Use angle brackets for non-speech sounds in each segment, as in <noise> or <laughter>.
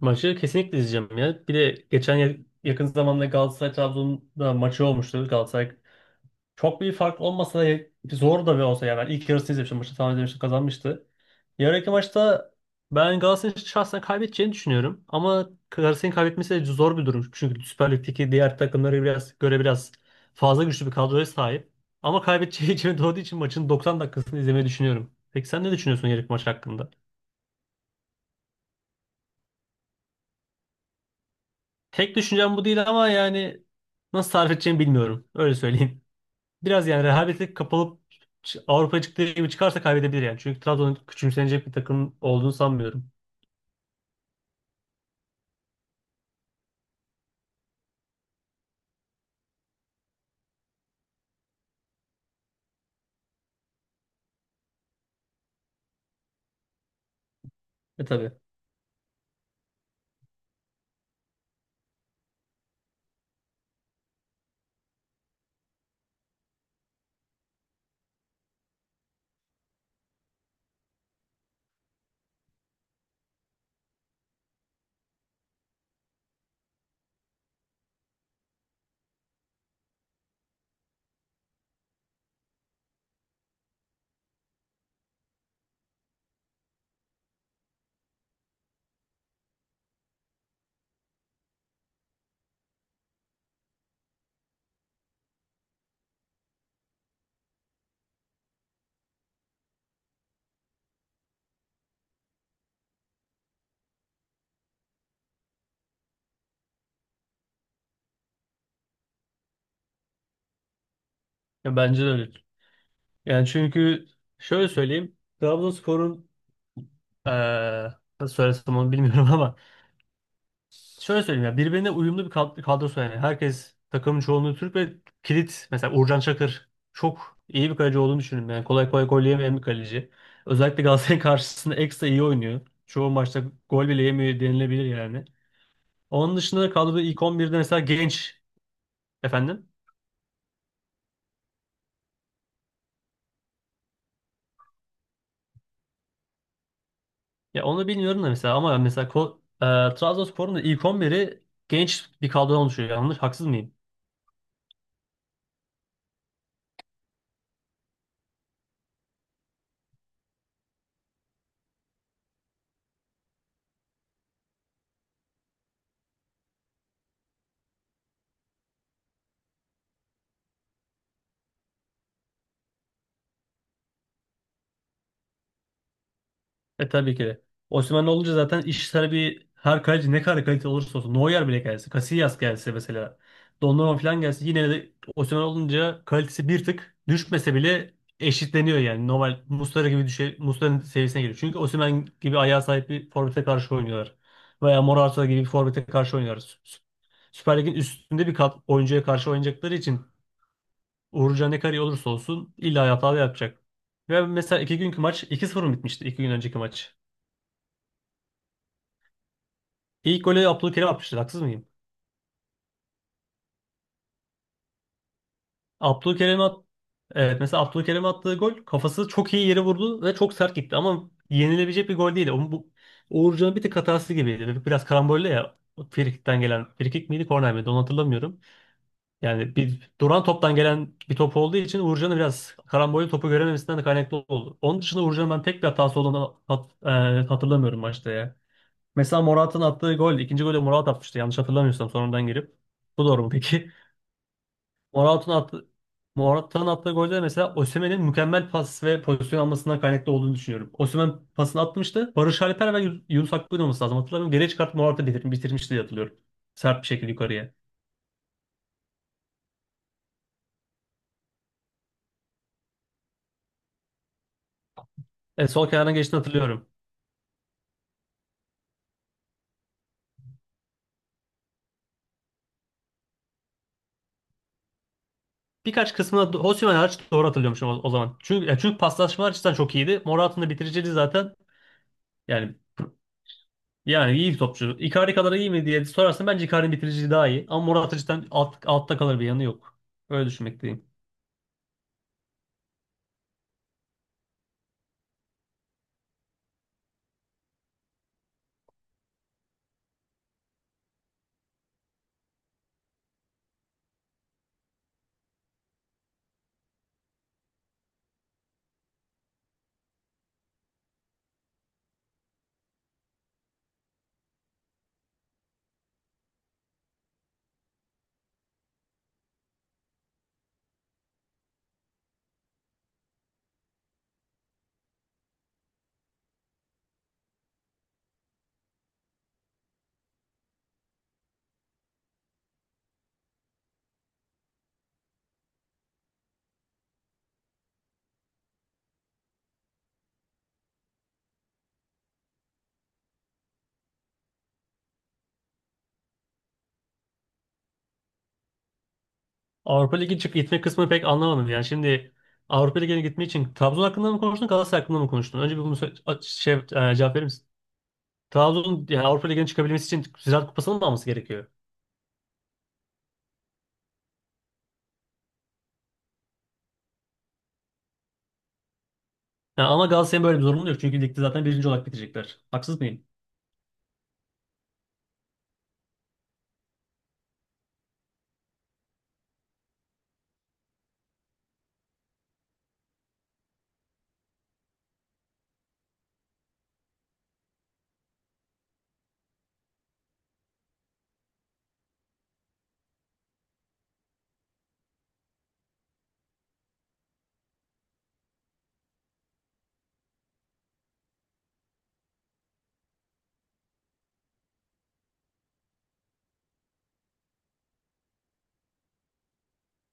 Maçı kesinlikle izleyeceğim ya. Bir de yakın zamanda Galatasaray Trabzon'da maçı olmuştu. Galatasaray çok bir fark olmasa da zor da bir olsa yani ben ilk yarısını izlemiştim. Maçı tahmin etmiştim kazanmıştı. Yarınki maçta ben Galatasaray'ın şahsen kaybedeceğini düşünüyorum. Ama Galatasaray'ın kaybetmesi de zor bir durum. Çünkü Süper Lig'deki diğer takımlara göre biraz fazla güçlü bir kadroya sahip. Ama kaybedeceği <laughs> içine doğduğu için maçın 90 dakikasını izlemeyi düşünüyorum. Peki sen ne düşünüyorsun yarınki maç hakkında? Tek düşüncem bu değil ama yani nasıl tarif edeceğimi bilmiyorum. Öyle söyleyeyim. <laughs> Biraz yani rehavete kapılıp Avrupa'ya çıktığı gibi çıkarsa kaybedebilir yani. Çünkü Trabzon'un küçümsenecek bir takım olduğunu sanmıyorum. E tabii. Ya bence de öyle. Yani çünkü şöyle söyleyeyim. Trabzonspor'un eee nasıl söylesem onu bilmiyorum <laughs> ama şöyle söyleyeyim ya birbirine uyumlu bir kadrosu yani. Herkes takımın çoğunluğu Türk ve kilit mesela Uğurcan Çakır çok iyi bir kaleci olduğunu düşünüyorum. Yani kolay kolay gol yemeyen bir kaleci. Özellikle Galatasaray <laughs> karşısında ekstra iyi oynuyor. Çoğu maçta gol bile yemiyor denilebilir yani. Onun dışında da kadroda ilk 11'de mesela genç efendim. Ya onu bilmiyorum da mesela ama Trabzonspor'un da ilk 11'i genç bir kadrodan oluşuyor. Yanlış haksız mıyım? E tabii ki de. Osimhen olunca zaten iş sana bir her kaleci ne kadar kalite olursa olsun. Neuer bile gelse. Casillas gelse mesela. Donnarumma falan gelse. Yine de Osimhen olunca kalitesi bir tık düşmese bile eşitleniyor yani. Normal Muslera'nın seviyesine geliyor. Çünkü Osimhen gibi ayağa sahip bir forvete karşı oynuyorlar. Veya Morata gibi bir forvete karşı oynuyorlar. Süper Lig'in üstünde bir kat oyuncuya karşı oynayacakları için Uğurcan ne kadar iyi olursa olsun illa hata da yapacak. Ve mesela iki günkü maç iki 0 mı bitmişti? İki gün önceki maç. İlk golü Abdülkerim atmıştır. Haksız mıyım? Abdülkerim at Evet, mesela Abdülkerim attığı gol kafası çok iyi yere vurdu ve çok sert gitti ama yenilebilecek bir gol değil. Onun bu Uğurcan'ın bir tık hatası gibiydi. Biraz karambolle ya Frikik miydi korner miydi onu hatırlamıyorum. Yani bir duran toptan gelen bir top olduğu için Uğurcan'ın biraz karambolle topu görememesinden de kaynaklı oldu. Onun dışında Uğurcan'ın ben tek bir hatası olduğunu hatırlamıyorum maçta ya. Mesela Morata'nın attığı gol, ikinci golü Morata atmıştı yanlış hatırlamıyorsam sonradan girip. Bu doğru mu peki? <laughs> Morata'nın attığı, Morata'nın attığı golde mesela Osimhen'in mükemmel pas ve pozisyon almasından kaynaklı olduğunu düşünüyorum. Osimhen pasını atmıştı. Barış Alper ve Yunus Akgün olması lazım. Hatırlamıyorum. Geriye çıkartıp Morata bitirmişti diye hatırlıyorum. Sert bir şekilde yukarıya. E, sol kenardan geçtiğini hatırlıyorum. Osimhen hariç doğru hatırlıyormuşum o zaman. Çünkü paslaşma açısından çok iyiydi. Morata'nın da bitiriciliği zaten yani yani iyi bir topçu. Icardi kadar iyi mi diye sorarsan bence Icardi'nin bitiriciliği daha iyi. Ama Morata cidden altta kalır bir yanı yok. Öyle düşünmekteyim. Avrupa Ligi çık Gitme kısmını pek anlamadım. Yani şimdi Avrupa Ligi'ne gitmek için Trabzon hakkında mı konuştun, Galatasaray hakkında mı konuştun? Önce bir bunu cevap verir misin? Trabzon yani Avrupa Ligi'ne çıkabilmesi için Ziraat Kupası'nı mı alması gerekiyor? Yani ama Galatasaray'ın böyle bir zorunluluğu yok. Çünkü ligde zaten birinci olarak bitecekler. Haksız mıyım?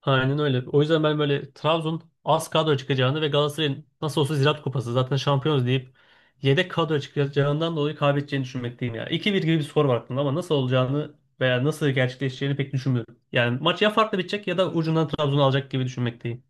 Aynen öyle. O yüzden ben böyle Trabzon az kadro çıkacağını ve Galatasaray'ın nasıl olsa Ziraat Kupası zaten şampiyonuz deyip yedek kadro çıkacağından dolayı kaybedeceğini düşünmekteyim ya. 2 bir gibi bir skor var aklımda ama nasıl olacağını veya nasıl gerçekleşeceğini pek düşünmüyorum. Yani maç ya farklı bitecek ya da ucundan Trabzon'u alacak gibi düşünmekteyim.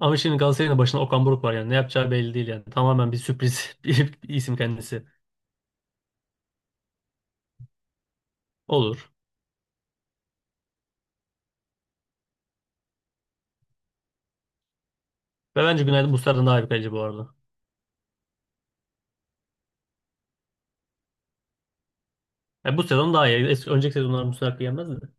Ama şimdi Galatasaray'ın da başında Okan Buruk var yani ne yapacağı belli değil yani. Tamamen bir sürpriz <laughs> bir isim kendisi. Olur. Ve bence Günaydın Muslera'dan daha iyi bir kaleci bu arada. Yani bu sezon daha iyi. Önceki sezonlar Muslera kıyamazdı.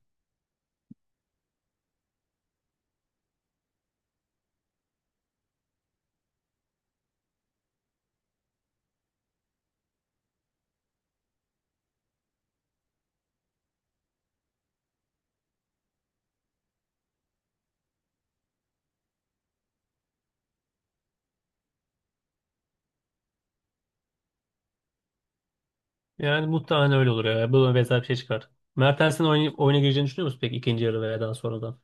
Yani muhtemelen öyle olur ya. Böyle benzer bir şey çıkar. Mertens'in oyuna gireceğini düşünüyor musun peki ikinci yarı veya daha sonradan?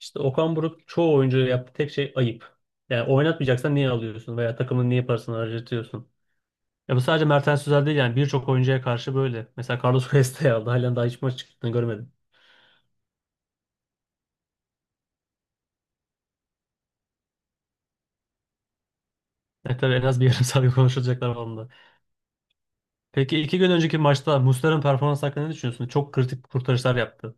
İşte Okan Buruk çoğu oyuncuya yaptığı tek şey ayıp. Yani oynatmayacaksan niye alıyorsun veya takımın niye parasını harcatıyorsun? Ya bu sadece Mertens özel değil yani birçok oyuncuya karşı böyle. Mesela Carlos Cuesta'yı aldı. Halen daha hiç maç çıktığını görmedim. Yani tabii en az bir yarım <laughs> saat konuşulacaklar var onda. Peki iki gün önceki maçta Muslera'nın performans hakkında ne düşünüyorsun? Çok kritik kurtarışlar yaptı.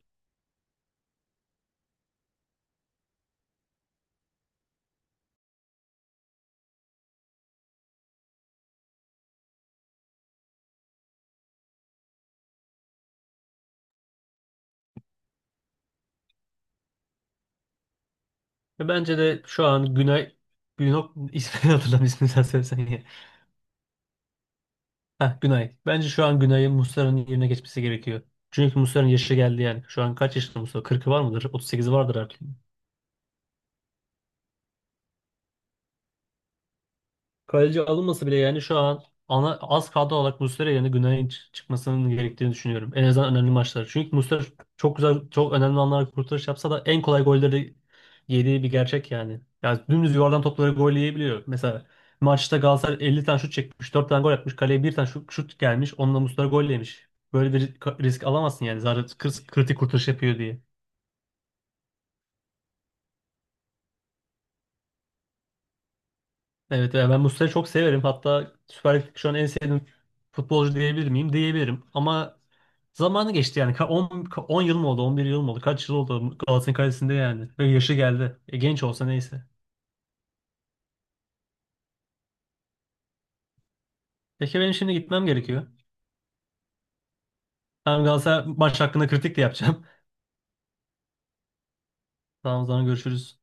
Ve bence de şu an Günok ismini <laughs> ismini sen söylesen heh, Günay. Bence şu an Günay'ın Muslera'nın yerine geçmesi gerekiyor. Çünkü Muslera'nın yaşı geldi yani. Şu an kaç yaşında Muslera? 40'ı var mıdır? 38'i vardır artık. Kaleci alınması bile yani şu an az kadro olarak Muslera yerine Günay'ın çıkmasının gerektiğini düşünüyorum. En azından önemli maçlar. Çünkü Muslera çok önemli anlarda kurtarış yapsa da en kolay golleri yediği bir gerçek yani. Yani dümdüz yuvardan topları gol yiyebiliyor. Mesela maçta Galatasaray 50 tane şut çekmiş, 4 tane gol atmış. Kaleye bir tane şut gelmiş, onunla Muslera gol yemiş. Böyle bir risk alamazsın yani. Zaten kritik kurtarış yapıyor diye. Evet, evet. Ben Muslera'yı çok severim. Hatta Süper Lig'deki şu an en sevdiğim futbolcu diyebilir miyim? Diyebilirim. Ama zamanı geçti yani. 10 yıl mı oldu? 11 yıl mı oldu? Kaç yıl oldu Galatasaray'ın kalesinde yani? Ve yaşı geldi. E, genç olsa neyse. Peki benim şimdi gitmem gerekiyor. Ben Galatasaray maç hakkında kritik de yapacağım. <laughs> Tamam o zaman görüşürüz.